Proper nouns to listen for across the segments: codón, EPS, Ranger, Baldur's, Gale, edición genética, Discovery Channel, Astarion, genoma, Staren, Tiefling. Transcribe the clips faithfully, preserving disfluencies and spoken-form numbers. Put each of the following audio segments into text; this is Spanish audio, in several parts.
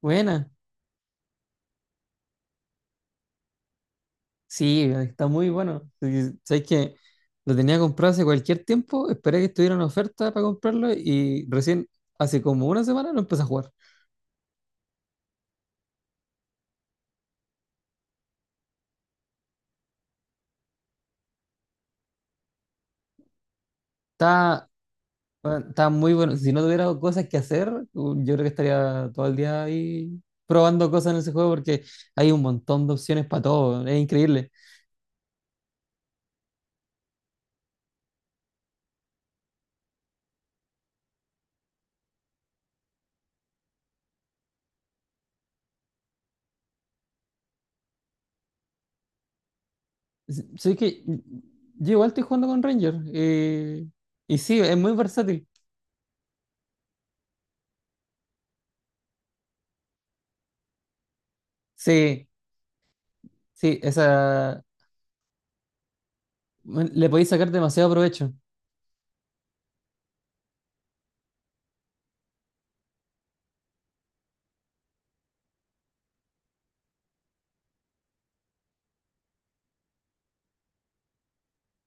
Buena, sí, está muy bueno. Y sabes que lo tenía comprado hace cualquier tiempo, esperé que estuviera en oferta para comprarlo y recién hace como una semana lo empecé a jugar. Está, bueno, está muy bueno. Si no tuviera cosas que hacer, uh, yo creo que estaría todo el día ahí probando cosas en ese juego porque hay un montón de opciones para todo. Es increíble. S- Sabes que yo igual estoy jugando con Ranger eh, y sí, es muy versátil. Sí, sí, esa, bueno, le podéis sacar demasiado provecho.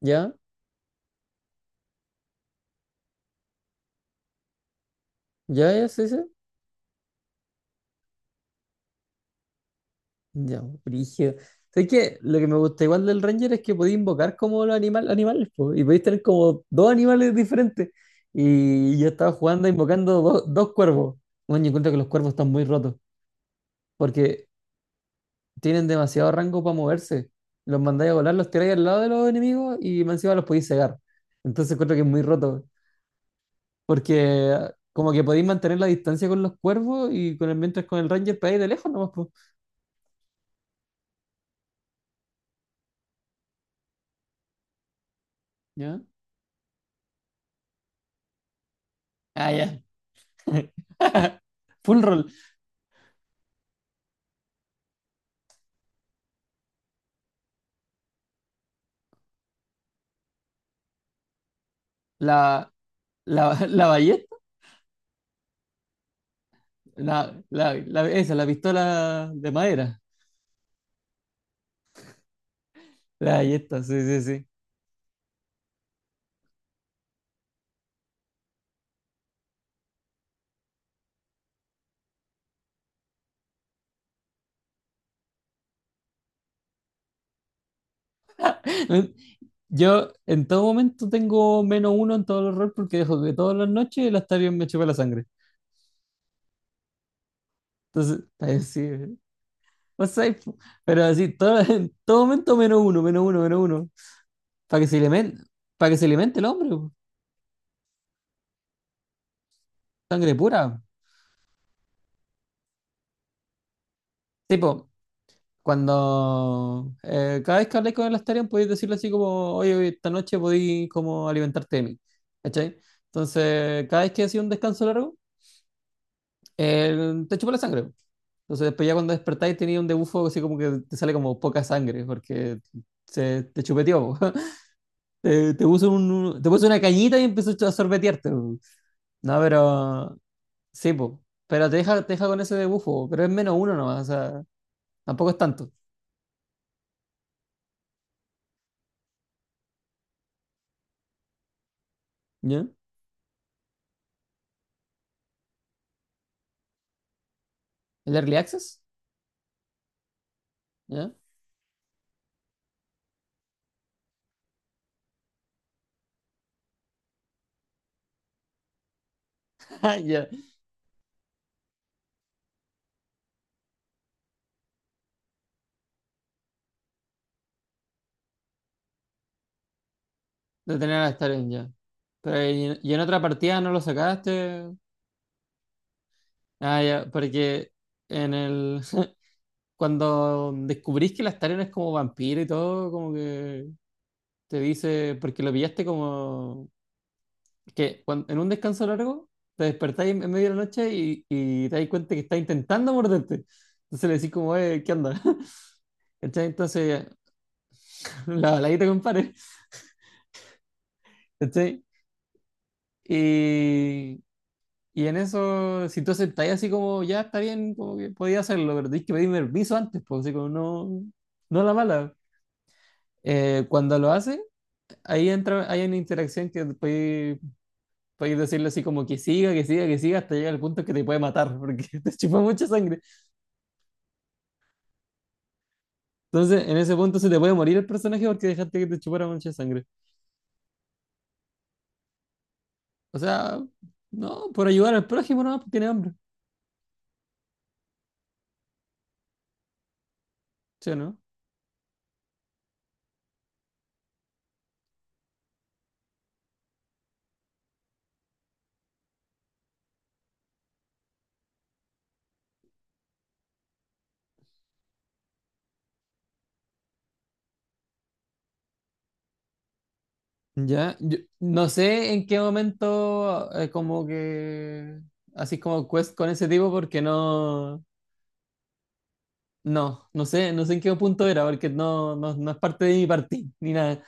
Ya, ya, ya, sí, sí. Ya, brígido. Sé que lo que me gusta igual del Ranger es que podía invocar como los animal, animales, po, y podéis tener como dos animales diferentes. Y yo estaba jugando invocando dos dos cuervos. Bueno, yo encuentro que los cuervos están muy rotos, porque tienen demasiado rango para moverse. Los mandáis a volar, los tiráis al lado de los enemigos y más encima los podéis cegar. Entonces encuentro que es muy roto, porque como que podéis mantener la distancia con los cuervos y con el, mientras con el Ranger pegáis de lejos nomás, pues. ¿Ya? Ah, ya. Full roll. La, la, la ballesta, la, la, la- esa, la pistola de madera. La ballesta, sí, sí, sí. Yo en todo momento tengo menos uno en todos los rolls porque dejo que todas las noches el Astarion me chupa la sangre. Entonces, así, no sé, po. Pero así, todo- en todo momento menos uno, menos uno, menos uno. Para que se alimente, para que se alimente el hombre, po. Sangre pura. Tipo, cuando eh, cada vez que habléis con el Astarion podéis decirle así como, oye, oye, esta noche podéis como alimentarte de mí. ¿Cachai? Entonces, cada vez que hacía un descanso largo, él te chupa la sangre. Entonces, después ya cuando despertáis tenía un debufo así como que te sale como poca sangre, porque se, te chupeteó. Te, te puso un- te puso una cañita y empezó a sorbetearte, po. No, pero sí, pues. Pero te deja, te deja con ese debufo, pero es menos uno nomás, o sea, tampoco es tanto. ¿Ya? ¿El Early Access? ¿Ya? Ya. De tener a Staren, ya. Pero y, y en otra partida no lo sacaste. Ah, ya, porque en el cuando descubrís que la Staren es como vampiro y todo, como que te dice, porque lo pillaste como que cuan- en un descanso largo te despertáis en en medio de la noche y, y te das cuenta que está intentando morderte. Entonces le decís como, eh, ¿qué onda? ¿Cachai? Entonces, la baladita, compadre. ¿Cachai? Y, y en eso, si tú aceptáis así como, ya está bien, como que podía hacerlo, pero tenéis que pedirme permiso antes, pues así como no, no a la mala. Eh, cuando lo hace, ahí entra, hay una interacción que podéis, podéis decirle así como que siga, que siga, que siga, hasta llegar al punto que te puede matar, porque te chupa mucha sangre. Entonces, en ese punto se te puede morir el personaje porque dejaste que te chupara mucha sangre. O sea, no, por ayudar al prójimo, no, tiene hambre, ¿sí o no? Ya, yo no sé en qué momento eh, como que así como quest con ese tipo porque no, no, no sé, no sé en qué punto era porque no, no, no es parte de mi partida ni nada.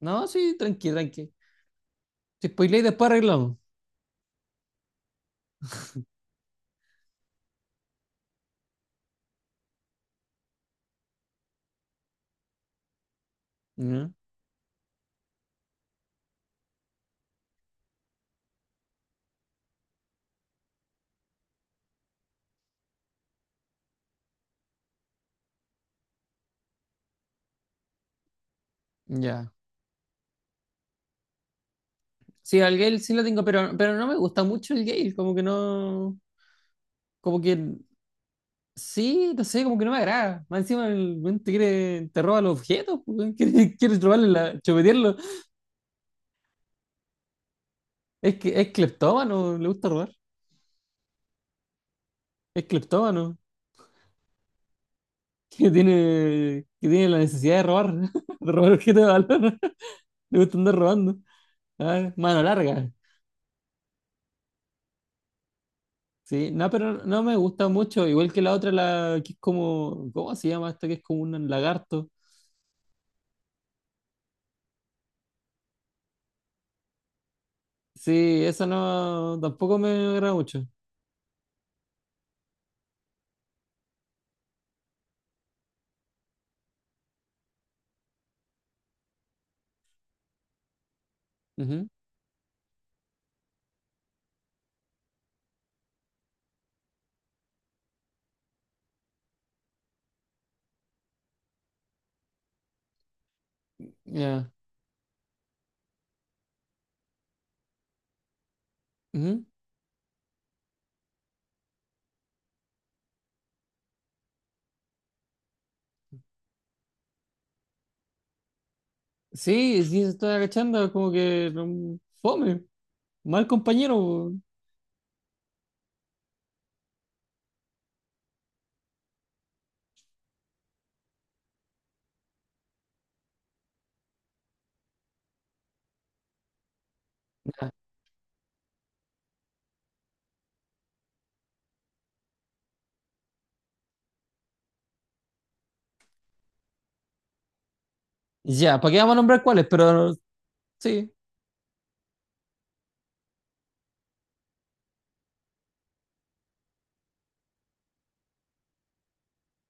No, sí, tranqui, tranqui. Si spoileáis, después arreglamos. Ya. Ya. Sí, al Gale sí lo tengo, pero, pero no me gusta mucho el Gale, como que no, como que sí, no sé, como que no me agrada. Más encima el weón te quiere, te roba los objetos, pues, weón, quiere, quiere robarle la, chupetearlo. Es que es cleptómano, le gusta robar. Es cleptómano. Que, tiene, que tiene la necesidad de robar, de robar objetos de valor. Le gusta andar robando. Ah, mano larga. Sí, no, pero no me gusta mucho. Igual que la otra, la que es como. ¿Cómo se llama esta? Que es como un lagarto. Sí, esa no. Tampoco me agrada mucho. Ujú, ya. Ujú. Sí, sí, se está agachando. Como que no- fome. Mal compañero. Po. Ya, ¿para qué vamos a nombrar cuáles? Pero sí,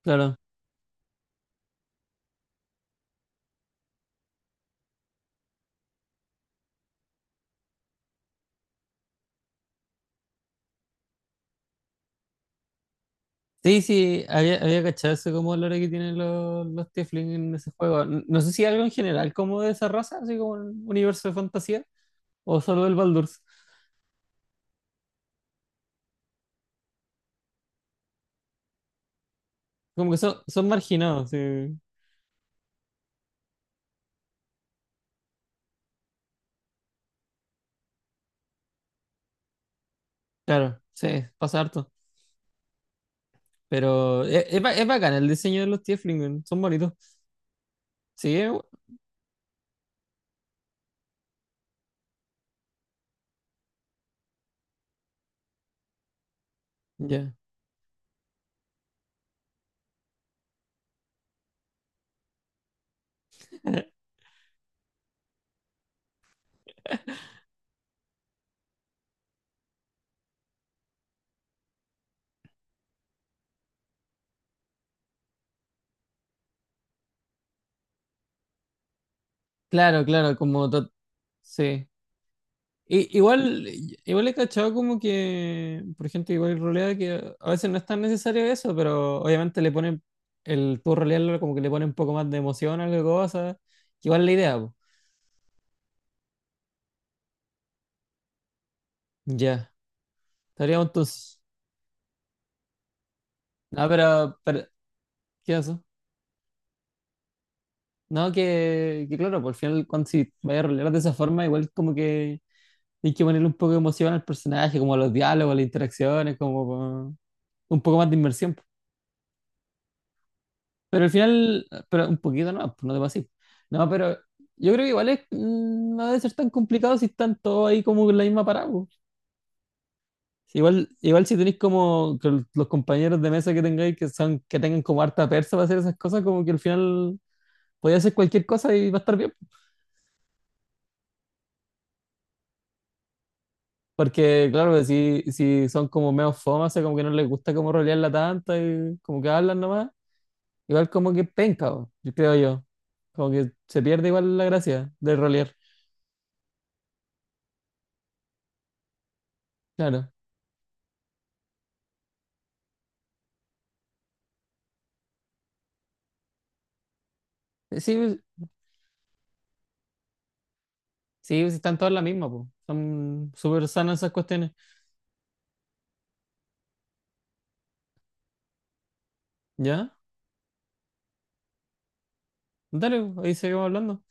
claro. Sí, sí, había, había cachado eso como el olor que tienen los, los Tiefling en ese juego. N- No sé si algo en general como de esa raza, así como un universo de fantasía, o solo del Baldur's. Como que son, son marginados, sí. Claro, sí, pasa harto. Pero es, es, ba- es bacán el diseño de los Tiefling, weón, son bonitos. Sí, eh, ya. Claro, claro, como... to- Sí. I- igual, igual he cachado como que, por gente que igual rolea, que a veces no es tan necesario eso, pero obviamente le ponen, el tú rolearlo como que le pone un poco más de emoción a la cosa, que igual es la idea, po. Ya, estaríamos entonces. No, pero, pero, ¿qué pasó? No, que, que claro, por final, cuando si vaya a rolear de esa forma, igual como que hay que ponerle un poco de emoción al personaje, como a los diálogos, a las interacciones, como pa- un poco más de inmersión. Pero al final, pero un poquito no, pues no te pases. No, pero yo creo que igual es, mm, no debe ser tan complicado si están todos ahí como en la misma parada, po. Si Igual, igual si tenéis como que los compañeros de mesa que tengáis que son, que tengan como harta persa para hacer esas cosas, como que al final podéis hacer cualquier cosa y va a estar bien. Porque claro, pues, si, si son como medio fomas, o sea, como que no les gusta como rolearla tanta y como que hablan nomás, igual como que penca, po, yo creo yo. Como que se pierde igual la gracia de rolear. Claro. Eh, sí, sí, pues, están todas las mismas, po. Son súper sanas esas cuestiones. ¿Ya? Dale, ahí seguimos hablando.